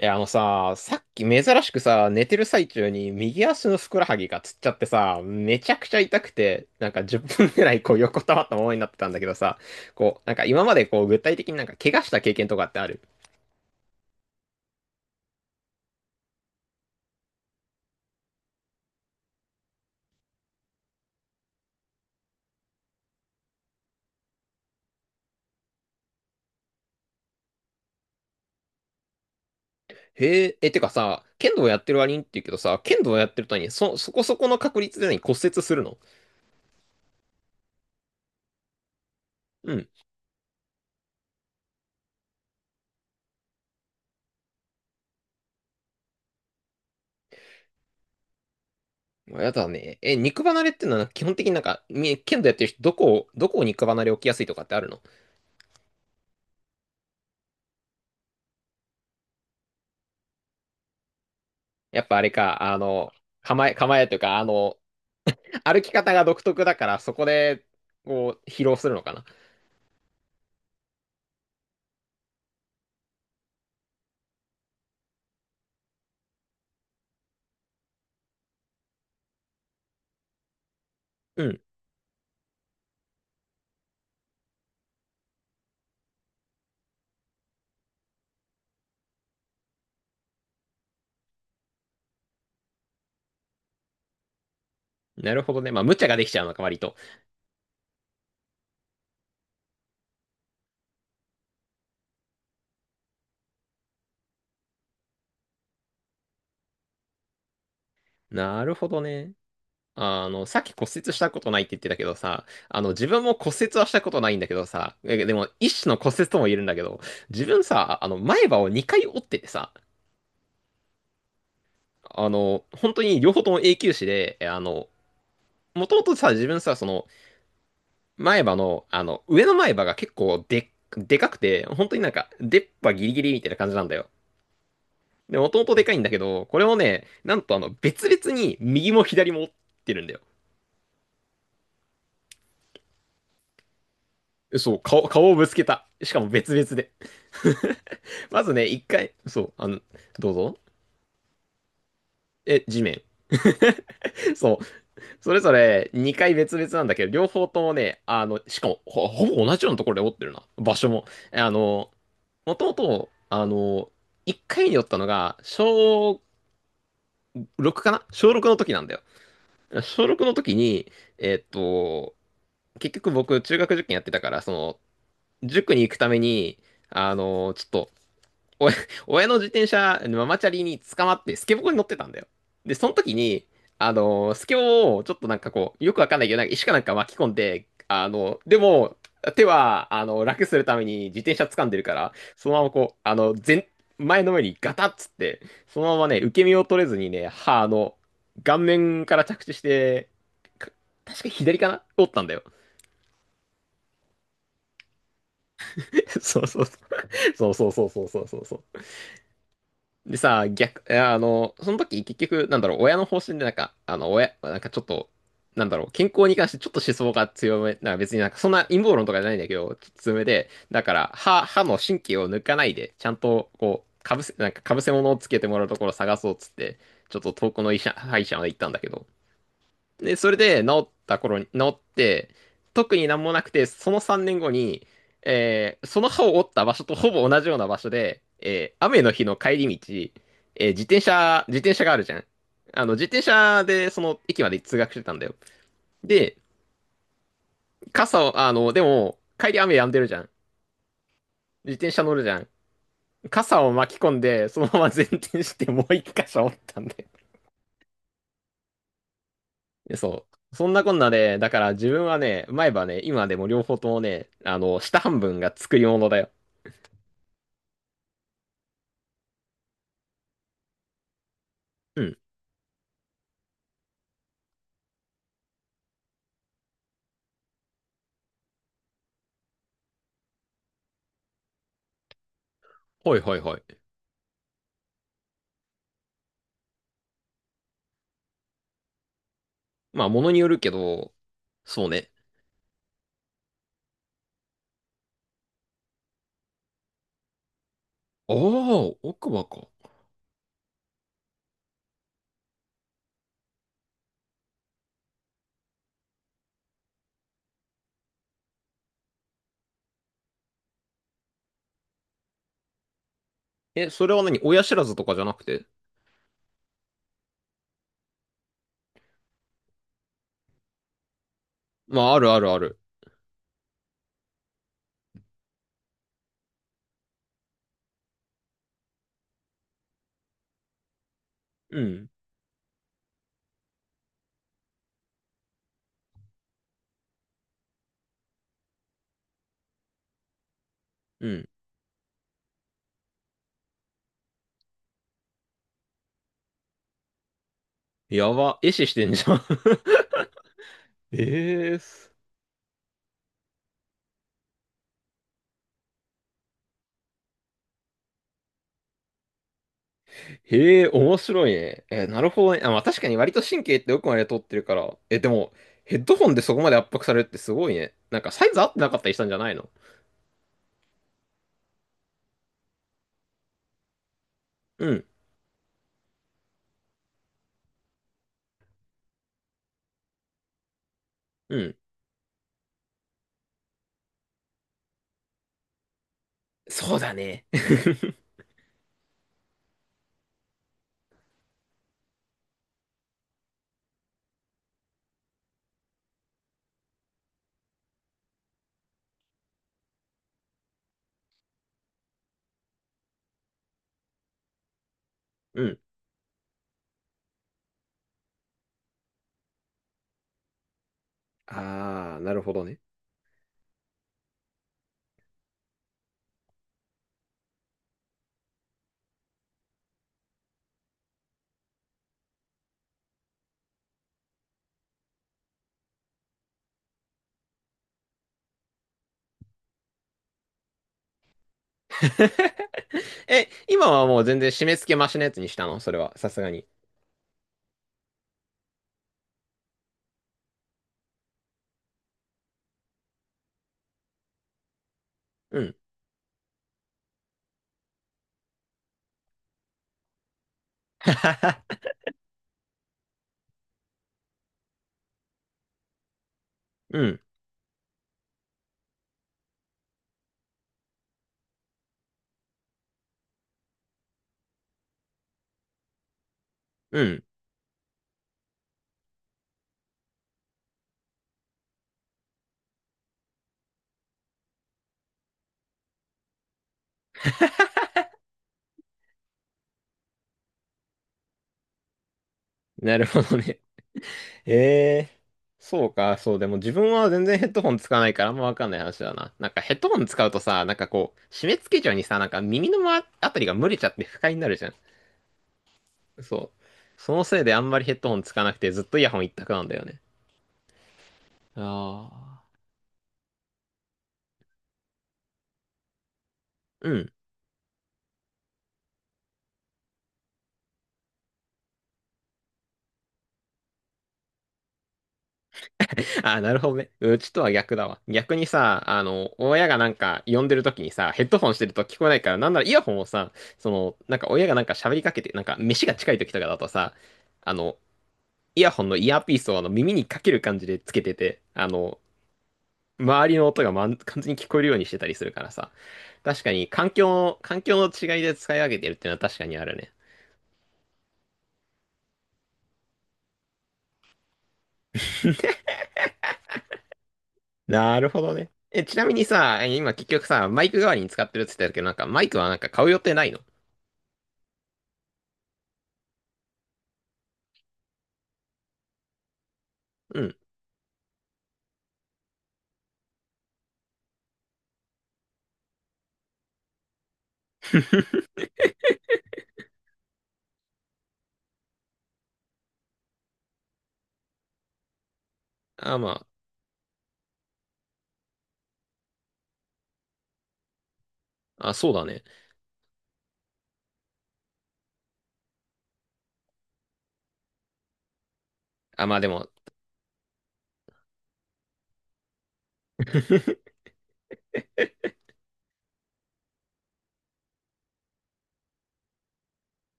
いや、あのさ、さっき珍しくさ、寝てる最中に右足のふくらはぎがつっちゃってさ、めちゃくちゃ痛くて、なんか10分ぐらいこう横たわったままになってたんだけどさ、こう、なんか今までこう具体的になんか怪我した経験とかってある？へえ、え、てかさ、剣道やってる割にって言うけどさ、剣道やってるとに、そこそこの確率で何骨折するの？うん。やだね。え、肉離れってのは基本的になんか、剣道やってる人、どこを肉離れ起きやすいとかってあるの？やっぱあれか、あの、構えというか、あの、歩き方が独特だから、そこで、こう、疲労するのかな。うん。なるほどね。まあ、無茶ができちゃうのか、割と。なるほどね。あの、さっき骨折したことないって言ってたけどさ、あの、自分も骨折はしたことないんだけどさ、でも、一種の骨折とも言えるんだけど、自分さ、あの、前歯を2回折っててさ、あの、本当に両方とも永久歯で、あの、もともとさ、自分さ、その、前歯の、あの、上の前歯が結構でかくて、本当になんか、出っ歯ギリギリみたいな感じなんだよ。で、もともとでかいんだけど、これもね、なんとあの、別々に右も左も折ってるんだよ。そう、顔をぶつけた。しかも別々で。まずね、一回、そう、あの、どうぞ。え、地面。そう、それぞれ2回別々なんだけど、両方ともね、あの、しかもほぼ同じようなところで折ってるな。場所も。あの、もともと、あの、1回に折ったのが、小6かな小6の時なんだよ。小6の時に、えっと、結局僕、中学受験やってたから、その、塾に行くために、あの、ちょっと、親、親の自転車、ママチャリに捕まって、スケボーに乗ってたんだよ。で、その時に、あの、スケボーをちょっとなんかこう、よくわかんないけど、なんか石かなんか巻き込んで、あの、でも、手は、あの、楽するために自転車掴んでるから、そのままこう、あの、前の上にガタッつって、そのままね、受け身を取れずにね、歯、あの、顔面から着地して、か確か左かな折ったんだよ。そうそうそう。そうそうそうそうそうそうそう。でさ、逆、いやあの、その時結局、なんだろう、親の方針でなんか、あの、親、なんかちょっと、なんだろう、健康に関してちょっと思想が強め、なんか別になんかそんな陰謀論とかじゃないんだけど、ちょっと強めで、だから、歯の神経を抜かないで、ちゃんと、こう、かぶせ、なんかかぶせ物をつけてもらうところを探そうっつって、ちょっと遠くの歯医者まで行ったんだけど、で、それで治った頃に、治って、特になんもなくて、その3年後に、その歯を折った場所とほぼ同じような場所で、雨の日の帰り道、自転車があるじゃん。あの、自転車でその駅まで通学してたんだよ。で、傘を、あの、でも、帰り雨止んでるじゃん。自転車乗るじゃん。傘を巻き込んで、そのまま前転してもう一箇所折ったんだよ。でそう。そんなこんなで、だから自分はね、前歯ね、今でも両方ともね、あの、下半分が作り物だよ。うん。はいはいはい。まあ、物によるけど、そうね。ああ、奥歯か。え、それは何親知らずとかじゃなくて？まあ、あるあるある。うん。うん。やば。壊死してんじゃん。ええす。へえ、面白いね。え、なるほどね。あ、まあ確かに割と神経って奥まで通ってるから。え、でも、ヘッドホンでそこまで圧迫されるってすごいね。なんかサイズ合ってなかったりしたんじゃないの？うん。うん。そうだね。うん。あー、なるほどね。え、今はもう全然締め付けマシなやつにしたのそれは、さすがに？うん。うん。うん。なるほどね。ええそうか、そう。でも自分は全然ヘッドホン使わないからあんまわかんない話だな。なんかヘッドホン使うとさ、なんかこう、締め付けちゃうにさ、なんか耳のまあたりが蒸れちゃって不快になるじゃん。そう。そのせいであんまりヘッドホンつかなくてずっとイヤホン一択なんだよね。ああうん。あ、なるほどね。うちとは逆だわ。逆にさ、あの、親がなんか呼んでる時にさ、ヘッドホンしてると聞こえないから、なんならイヤホンをさ、その、なんか親がなんか喋りかけて、なんか飯が近い時とかだとさ、あの、イヤホンのイヤーピースをあの耳にかける感じでつけてて、あの、周りの音が、完全に聞こえるようにしてたりするからさ。確かに環境の違いで使い分けてるっていうのは確かにあるね。なるほどね。え、ちなみにさ、今結局さ、マイク代わりに使ってるって言ってたけど、なんかマイクはなんか買う予定ないの？うん。あ、まあ、あ、そうだね。あ、まあでも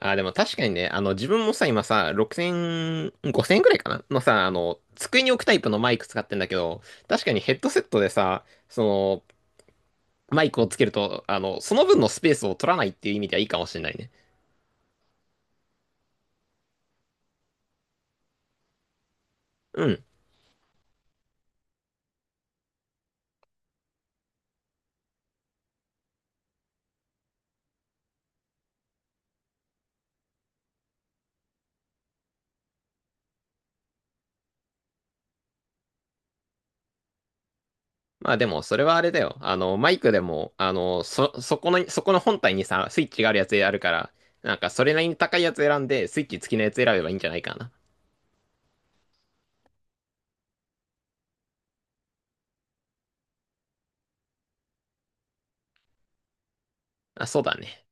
あ、でも確かにね、あの、自分もさ、今さ、6000、5000くらいかなのさ、あの、机に置くタイプのマイク使ってんだけど、確かにヘッドセットでさ、その、マイクをつけると、あの、その分のスペースを取らないっていう意味ではいいかもしれないね。うん。まあでも、それはあれだよ。あの、マイクでも、あの、そこの本体にさ、スイッチがあるやつあるから、なんか、それなりに高いやつ選んで、スイッチ付きのやつ選べばいいんじゃないかな。あ、そうだね。